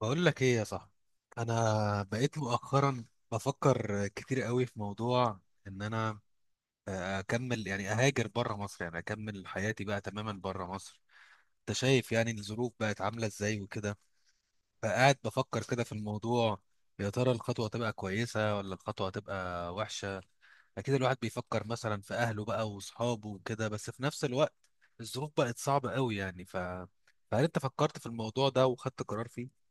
بقول لك ايه يا صاحبي؟ انا بقيت مؤخرا بفكر كتير قوي في موضوع ان انا اكمل، يعني اهاجر بره مصر، يعني اكمل حياتي بقى تماما بره مصر. انت شايف يعني الظروف بقت عامله ازاي وكده، فقاعد بفكر كده في الموضوع: يا ترى الخطوه تبقى كويسه ولا الخطوه تبقى وحشه؟ اكيد الواحد بيفكر مثلا في اهله بقى واصحابه وكده، بس في نفس الوقت الظروف بقت صعبه قوي يعني. فهل انت فكرت في الموضوع ده وخدت قرار فيه؟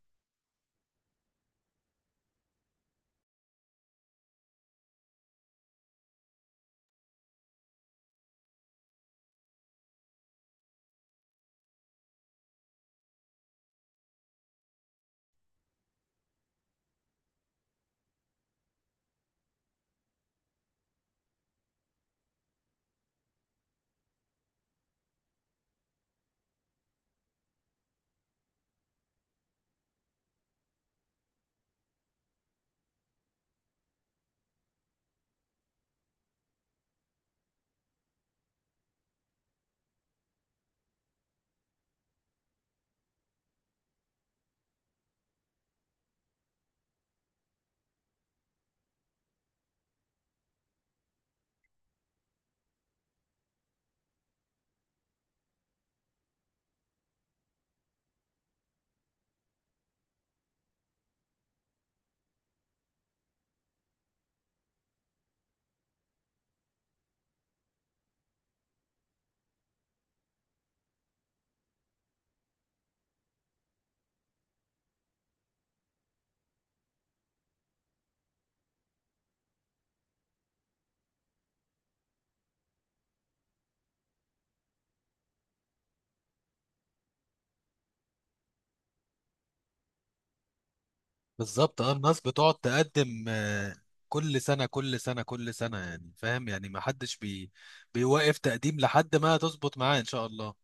بالظبط، اه، الناس بتقعد تقدم، كل سنة كل سنة كل سنة، يعني فاهم، يعني ما حدش بيوقف تقديم لحد ما تظبط معاه إن شاء الله.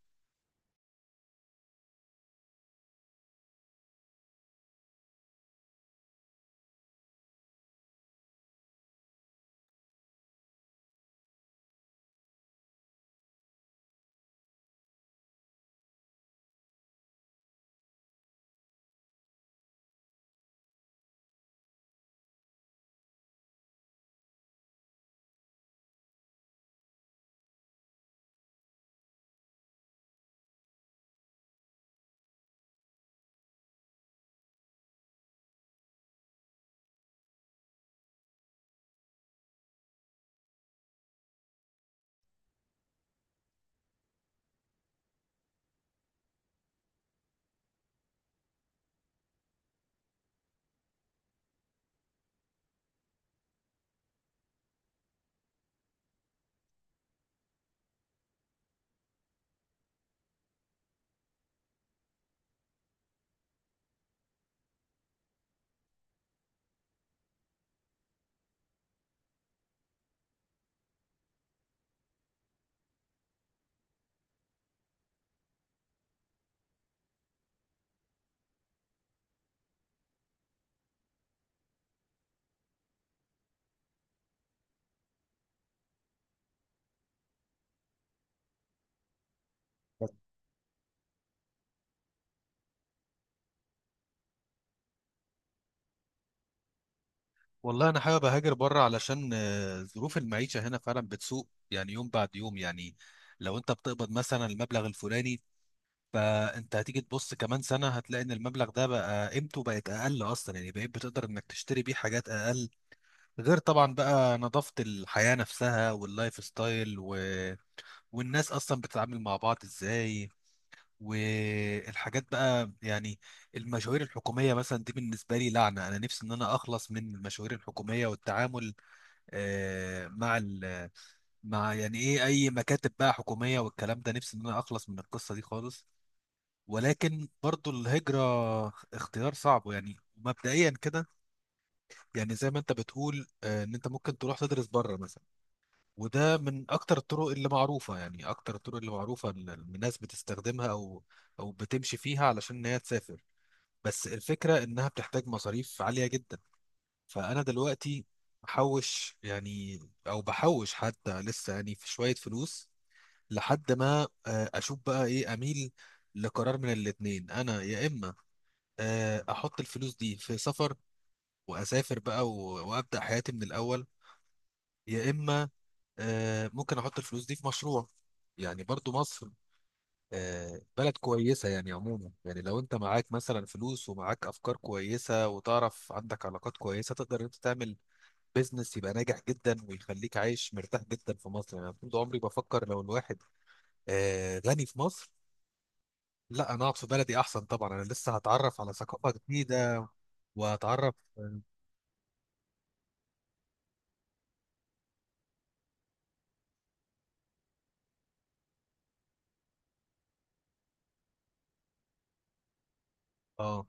والله أنا حابب أهاجر بره علشان ظروف المعيشة هنا فعلا بتسوء يعني، يوم بعد يوم يعني. لو أنت بتقبض مثلا المبلغ الفلاني، فأنت هتيجي تبص كمان سنة هتلاقي إن المبلغ ده بقى قيمته بقت أقل أصلا، يعني بقيت بتقدر إنك تشتري بيه حاجات أقل. غير طبعا بقى نظافة الحياة نفسها واللايف ستايل و والناس اصلا بتتعامل مع بعض ازاي، والحاجات بقى يعني. المشاوير الحكوميه مثلا دي بالنسبه لي لعنه، انا نفسي ان انا اخلص من المشاوير الحكوميه والتعامل مع مع يعني ايه اي مكاتب بقى حكوميه والكلام ده، نفسي ان انا اخلص من القصه دي خالص. ولكن برضو الهجره اختيار صعب يعني مبدئيا كده. يعني زي ما انت بتقول، ان انت ممكن تروح تدرس بره مثلا، وده من اكتر الطرق اللي معروفه، يعني اكتر الطرق اللي معروفه إن الناس بتستخدمها او او بتمشي فيها علشان ان هي تسافر. بس الفكره انها بتحتاج مصاريف عاليه جدا. فانا دلوقتي بحوش يعني، او بحوش حتى لسه يعني في شويه فلوس لحد ما اشوف بقى ايه اميل لقرار من الاتنين. انا يا اما احط الفلوس دي في سفر واسافر بقى وابدا حياتي من الاول، يا اما ممكن احط الفلوس دي في مشروع. يعني برضو مصر بلد كويسة يعني عموما، يعني لو انت معاك مثلا فلوس ومعاك افكار كويسة وتعرف عندك علاقات كويسة، تقدر انت تعمل بيزنس يبقى ناجح جدا ويخليك عايش مرتاح جدا في مصر. يعني أنا طول عمري بفكر، لو الواحد غني في مصر، لا انا اقعد في بلدي احسن. طبعا انا لسه هتعرف على ثقافة جديدة وهتعرف. اه،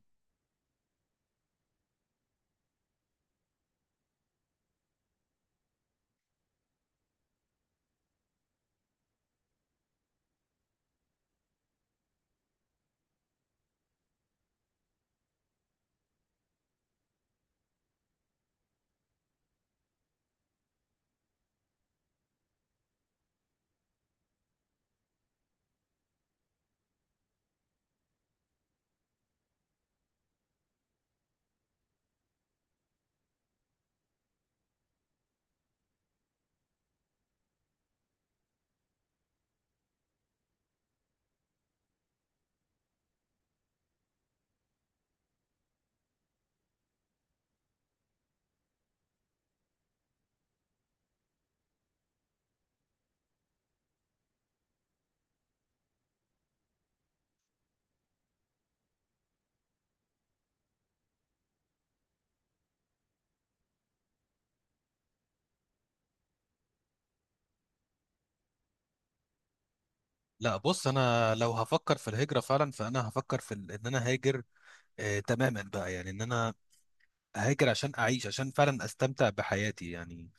لا، بص، انا لو هفكر في الهجرة فعلا فانا هفكر في ان انا هاجر تماما بقى، يعني ان انا هاجر عشان اعيش، عشان فعلا استمتع بحياتي يعني.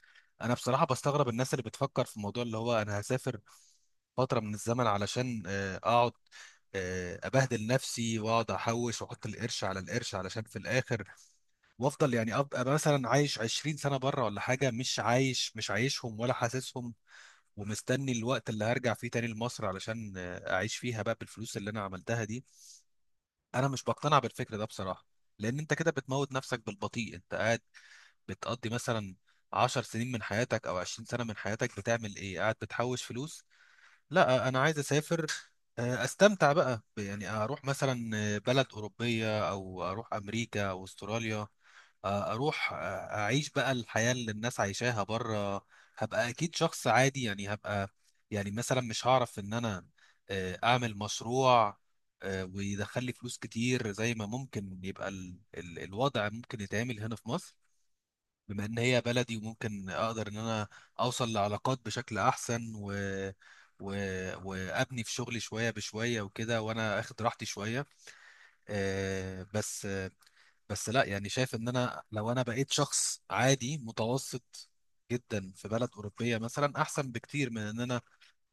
انا بصراحه بستغرب الناس اللي بتفكر في الموضوع اللي هو انا هسافر فتره من الزمن علشان اقعد ابهدل نفسي واقعد احوش واحط القرش على القرش علشان في الاخر وافضل، يعني ابقى مثلا عايش 20 سنه بره ولا حاجه، مش عايش، مش عايشهم ولا حاسسهم، ومستني الوقت اللي هرجع فيه تاني لمصر علشان اعيش فيها بقى بالفلوس اللي انا عملتها دي. انا مش بقتنع بالفكر ده بصراحه. لان انت كده بتموت نفسك بالبطيء. انت قاعد بتقضي مثلا 10 سنين من حياتك او 20 سنة من حياتك بتعمل ايه؟ قاعد بتحوش فلوس. لا، انا عايز اسافر استمتع بقى يعني اروح مثلا بلد اوروبية او اروح امريكا او استراليا، اروح اعيش بقى الحياة اللي الناس عايشاها بره. هبقى اكيد شخص عادي يعني، هبقى يعني مثلا مش هعرف ان انا اعمل مشروع ويدخل لي فلوس كتير زي ما ممكن يبقى ال ال الوضع ممكن يتعمل هنا في مصر، بما ان هي بلدي، وممكن اقدر ان انا اوصل لعلاقات بشكل احسن و... وابني في شغلي شويه بشويه وكده وانا اخد راحتي شويه. آه بس آه بس لا يعني، شايف ان انا لو انا بقيت شخص عادي متوسط جدا في بلد اوروبيه مثلا احسن بكتير من ان انا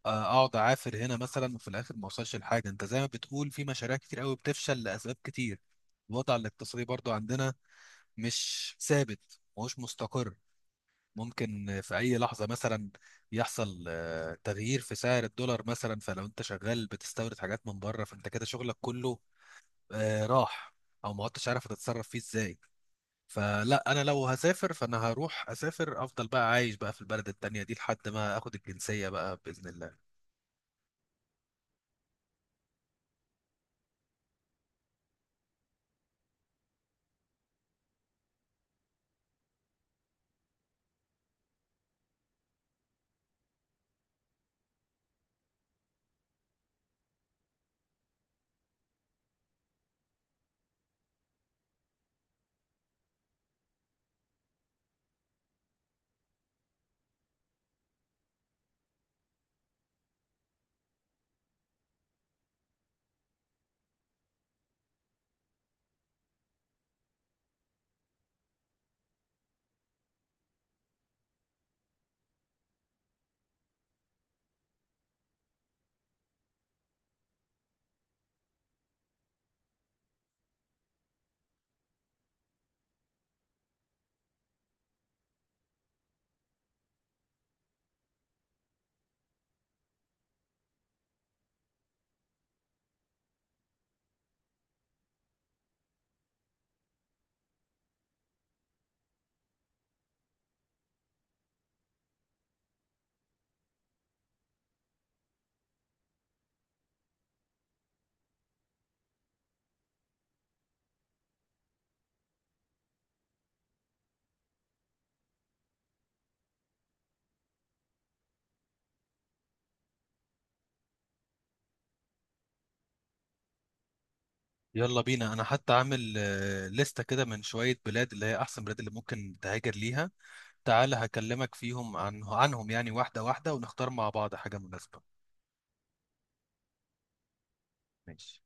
اقعد اعافر هنا مثلا وفي الاخر ما اوصلش لحاجه. انت زي ما بتقول، في مشاريع كتير قوي بتفشل لاسباب كتير. الوضع الاقتصادي برضو عندنا مش ثابت، مش مستقر. ممكن في أي لحظة مثلا يحصل تغيير في سعر الدولار مثلا، فلو أنت شغال بتستورد حاجات من بره فأنت كده شغلك كله راح، أو ما عدتش عارف هتتصرف فيه إزاي. فلا، أنا لو هسافر فأنا هروح أسافر، أفضل بقى عايش بقى في البلد التانية دي لحد ما أخد الجنسية بقى بإذن الله. يلا بينا. أنا حتى عامل لستة كده من شوية بلاد اللي هي أحسن بلاد اللي ممكن تهاجر ليها، تعالى هكلمك فيهم عنهم يعني واحدة واحدة ونختار مع بعض حاجة مناسبة. ماشي.